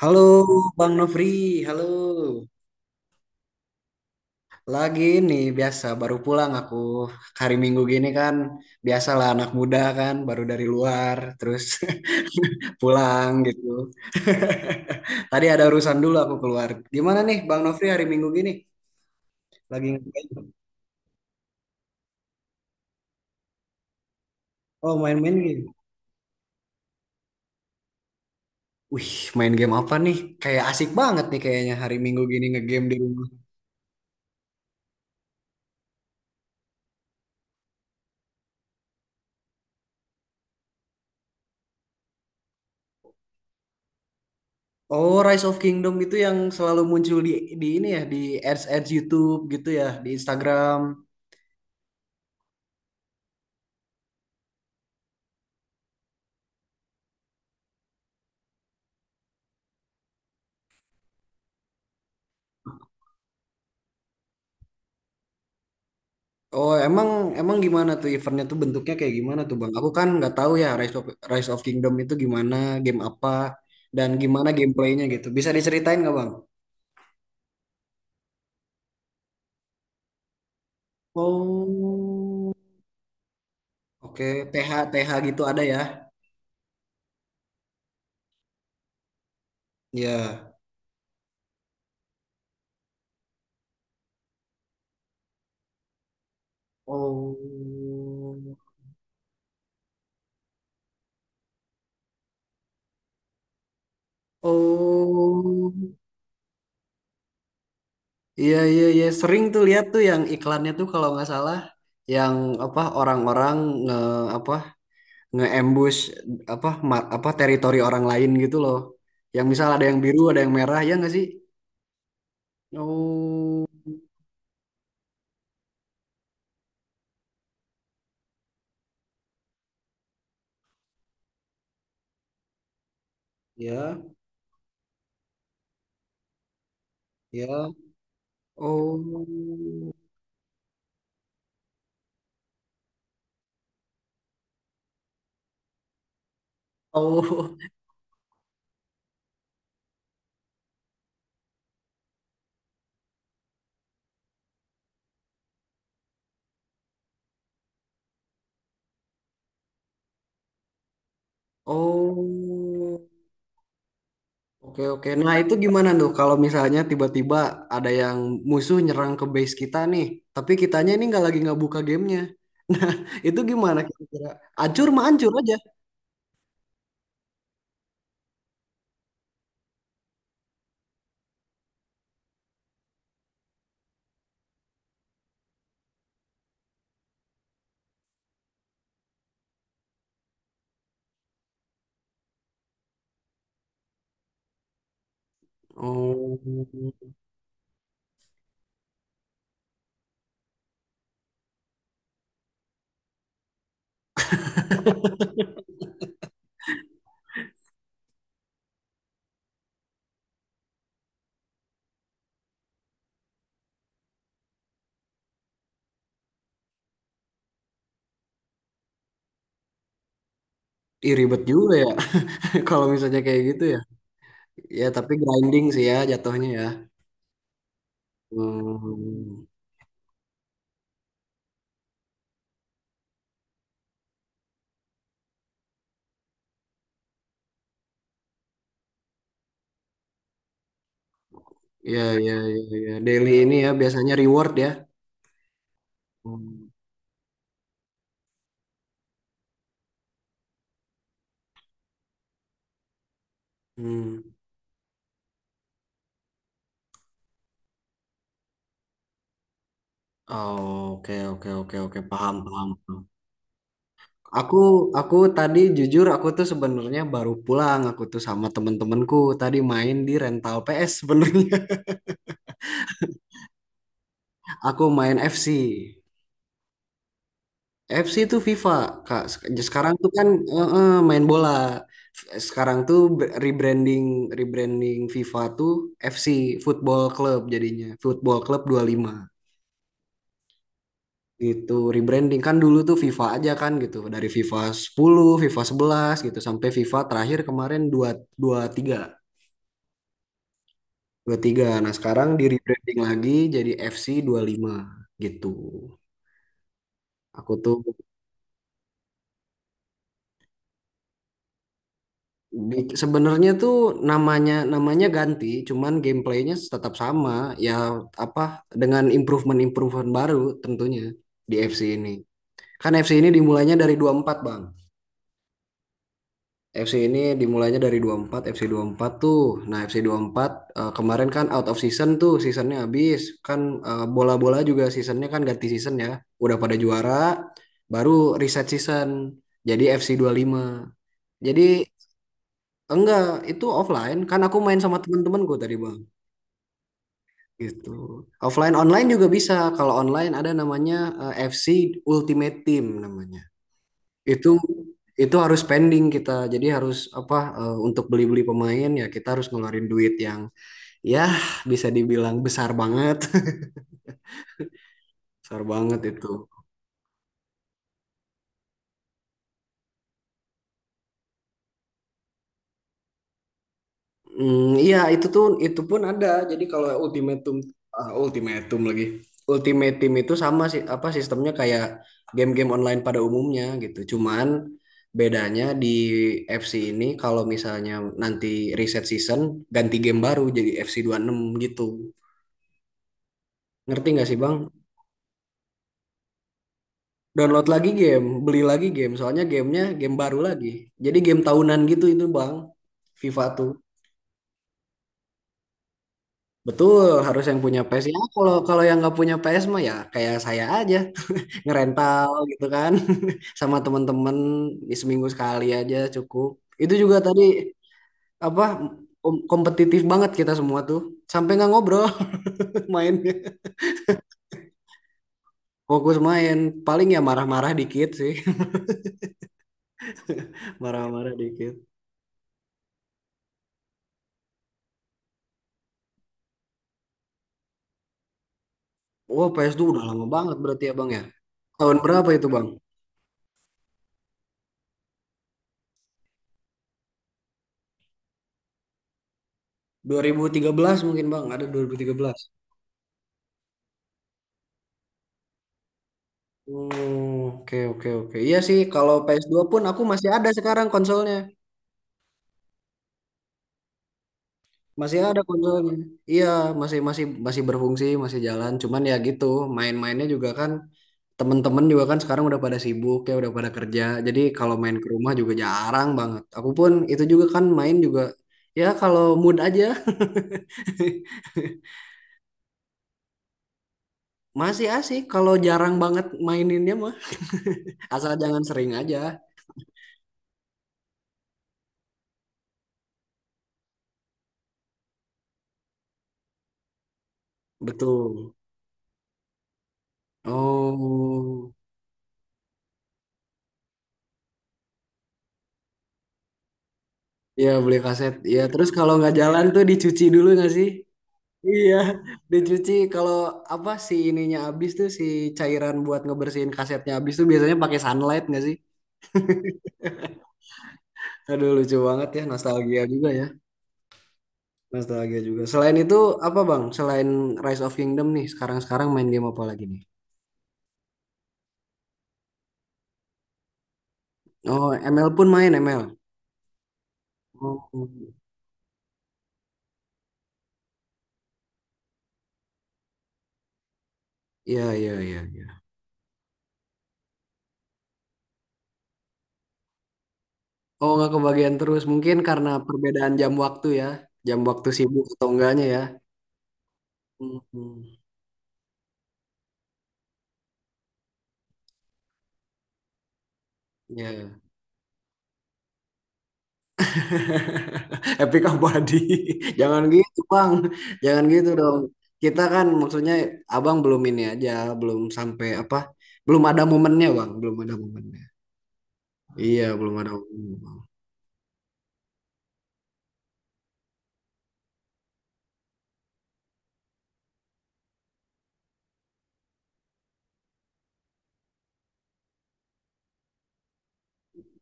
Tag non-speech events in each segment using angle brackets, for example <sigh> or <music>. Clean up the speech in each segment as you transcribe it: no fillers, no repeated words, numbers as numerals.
Halo Bang Nofri, halo. Lagi nih biasa baru pulang aku hari Minggu gini kan biasalah anak muda kan baru dari luar terus <laughs> pulang gitu. <laughs> Tadi ada urusan dulu aku keluar. Gimana nih Bang Nofri hari Minggu gini? Lagi ngapain? Oh main-main game. Wih, main game apa nih? Kayak asik banget nih kayaknya hari Minggu gini ngegame di rumah. Oh, Rise of Kingdom itu yang selalu muncul di ini ya di ads ads YouTube gitu ya di Instagram. Oh, emang emang gimana tuh eventnya tuh bentuknya kayak gimana tuh Bang? Aku kan nggak tahu ya Rise of Kingdom itu gimana, game apa, dan gimana gameplaynya gitu. Bisa diceritain nggak Bang? Oh, oke. TH TH gitu ada ya? Ya. Oh, oh, iya iya iya. Sering tuh lihat tuh yang iklannya tuh kalau nggak salah, yang apa orang-orang nge apa nge-ambush apa apa teritori orang lain gitu loh. Yang misal ada yang biru, ada yang merah, ya nggak sih? Oh, ya, ya. Oh, oh, oh. Oke, oke. Nah, itu gimana tuh kalau misalnya tiba-tiba ada yang musuh nyerang ke base kita nih, tapi kitanya ini nggak lagi nggak buka gamenya. <laughs> Nah, itu gimana kira-kira? Ancur mah ancur aja. Oh, <laughs> ih, ribet juga ya <laughs> kalau misalnya kayak gitu ya. Ya, tapi grinding sih ya jatuhnya ya. Hmm, ya, ya, ya, ya. Daily ini ya biasanya reward ya. Hmm. Hmm. Oh, oke, oke, oke, oke, paham, paham, paham. Aku, aku tadi jujur aku tuh sebenarnya baru pulang. Aku tuh sama temen-temenku tadi main di rental PS sebenarnya. <laughs> Aku main FC. FC itu FIFA, Kak. Sekarang tuh kan main bola. Sekarang tuh rebranding rebranding FIFA tuh FC Football Club jadinya. Football Club 25 gitu. Rebranding kan dulu tuh FIFA aja kan gitu. Dari FIFA 10, FIFA 11 gitu sampai FIFA terakhir kemarin 2 23. Tiga. Nah, sekarang di rebranding lagi jadi FC 5 gitu. Aku tuh sebenarnya tuh namanya namanya ganti, cuman gameplaynya tetap sama. Ya apa dengan improvement-improvement baru tentunya di FC ini. Kan FC ini dimulainya dari 24 Bang. FC ini dimulainya dari 24, FC 4 tuh. Nah, FC 24 kemarin kan out of season tuh, seasonnya habis. Kan bola-bola juga seasonnya kan ganti season ya. Udah pada juara, baru reset season. Jadi FC lima. Jadi Enggak, itu offline. Kan aku main sama teman-temanku tadi, Bang. Gitu. Offline online juga bisa. Kalau online ada namanya FC Ultimate Team namanya. Itu itu harus spending kita. Jadi harus apa untuk beli-beli pemain ya kita harus ngeluarin duit yang ya bisa dibilang besar banget. <laughs> Besar banget itu. Hmm, iya itu tuh itu pun ada. Jadi kalau ultimatum ultimatum lagi. Ultimatum itu sama sih apa sistemnya kayak game-game online pada umumnya gitu. Cuman bedanya di FC ini kalau misalnya nanti reset season ganti game baru jadi FC 6 gitu. Ngerti nggak sih Bang? Download lagi game, beli lagi game. Soalnya gamenya game baru lagi. Jadi game tahunan gitu itu Bang. FIFA tuh. Betul, harus yang punya PS. Ya, kalau kalau yang nggak punya PS mah ya kayak saya aja, <laughs> ngerental gitu kan. <laughs> Sama temen-temen di seminggu sekali aja cukup. Itu juga tadi apa kompetitif banget kita semua tuh. Sampai nggak ngobrol <laughs> mainnya. Fokus main, paling ya marah-marah dikit sih. <laughs> Marah-marah dikit. Wah, PS tuh udah lama banget berarti ya, Bang ya. Tahun berapa itu, Bang? 2013 mungkin, Bang. Ada 2013. Hmm, oke oke oke. Iya sih, kalau PS2 pun aku masih ada sekarang konsolnya. Masih ada konsolnya. Iya, masih masih masih berfungsi, masih jalan. Cuman ya gitu, main-mainnya juga kan temen-temen juga kan sekarang udah pada sibuk ya, udah pada kerja. Jadi kalau main ke rumah juga jarang banget. Aku pun itu juga kan main juga ya kalau mood aja. <laughs> Masih asik kalau jarang banget maininnya mah. <laughs> Asal jangan sering aja. Betul. Oh. Iya beli kaset. Iya terus kalau nggak jalan tuh dicuci dulu nggak sih? Iya dicuci. Kalau apa si ininya habis tuh si cairan buat ngebersihin kasetnya habis tuh biasanya pakai sunlight nggak sih? Aduh lucu banget ya nostalgia juga ya. Nostalgia juga. Selain itu apa Bang? Selain Rise of Kingdom nih sekarang-sekarang main game apa lagi nih? Oh ML pun main ML. Oh iya iya iya, iya. Oh nggak kebagian terus mungkin karena perbedaan jam waktu ya. Jam waktu sibuk atau enggaknya ya. Hmm, ya. <laughs> Epic abadi. <laughs> Jangan gitu, Bang. Jangan gitu dong. Kita kan maksudnya Abang belum ini aja, belum sampai apa? Belum ada momennya, Bang. Belum ada momennya. Iya, belum ada momennya, Bang.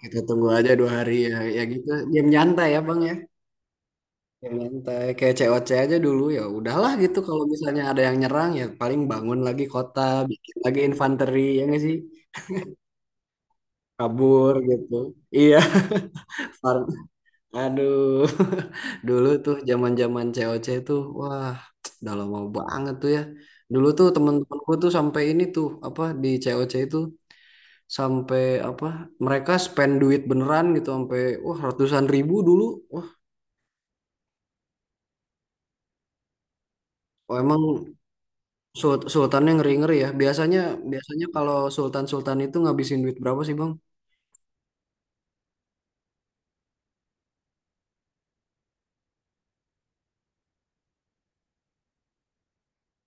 Kita tunggu aja 2 hari ya. Ya gitu, game nyantai ya, Bang ya. Game nyantai kayak COC aja dulu ya. Udahlah gitu kalau misalnya ada yang nyerang ya paling bangun lagi kota, bikin lagi infanteri ya nggak sih? Kabur gitu. Iya. <laughs> Aduh, <laughs> dulu tuh zaman-zaman COC tuh, wah, <tsk> udah lama banget tuh ya. Dulu tuh temen-temenku tuh sampai ini tuh apa di COC itu sampai apa mereka spend duit beneran gitu sampai wah ratusan ribu dulu. Wah, oh, emang sultannya ngeri-ngeri ya. Biasanya biasanya kalau sultan-sultan itu ngabisin duit berapa sih, Bang?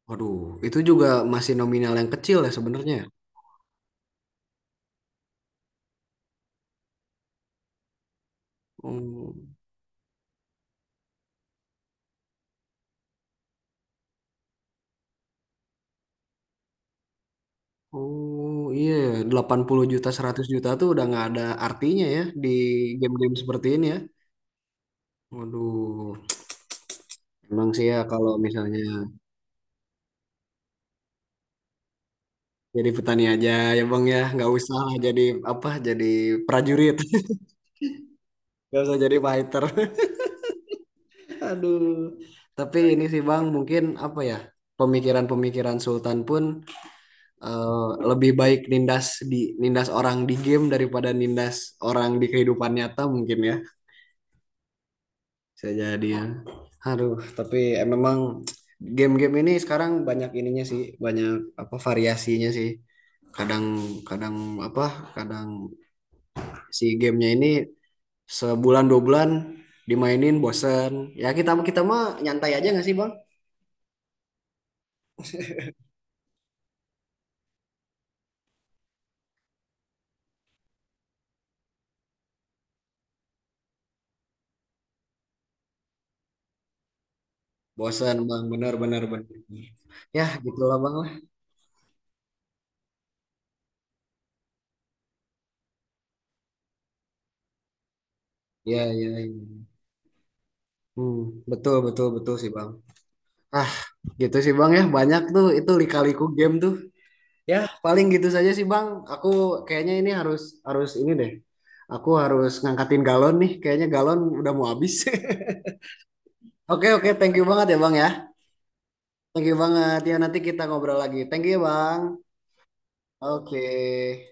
Waduh, itu juga masih nominal yang kecil ya sebenarnya. Hmm. Oh iya, ya, 80 juta, 100 juta tuh udah nggak ada artinya ya di game-game seperti ini ya. Waduh, emang sih ya kalau misalnya jadi petani aja ya Bang ya, nggak usah lah jadi apa, jadi prajurit, <laughs> nggak usah jadi fighter. <laughs> Aduh, tapi ini sih Bang mungkin apa ya, pemikiran-pemikiran Sultan pun eh, lebih baik nindas di nindas orang di game daripada nindas orang di kehidupan nyata mungkin ya. Bisa jadi ya. Aduh, tapi memang game-game ini sekarang banyak ininya sih, banyak apa variasinya sih. Kadang kadang apa? Kadang si gamenya ini sebulan 2 bulan dimainin bosen. Ya kita kita mah nyantai aja nggak sih Bang? Bosen Bang, bener bener bener. Ya gitulah Bang lah. Ya ya, ya. Hmm, betul betul betul sih Bang. Ah gitu sih Bang ya, banyak tuh itu lika-liku game tuh. Ya, paling gitu saja sih Bang. Aku kayaknya ini harus harus ini deh. Aku harus ngangkatin galon nih. Kayaknya galon udah mau habis. <laughs> Oke, oke, thank you banget ya Bang ya. Thank you banget. Ya nanti kita ngobrol lagi. Thank you ya Bang. Oke.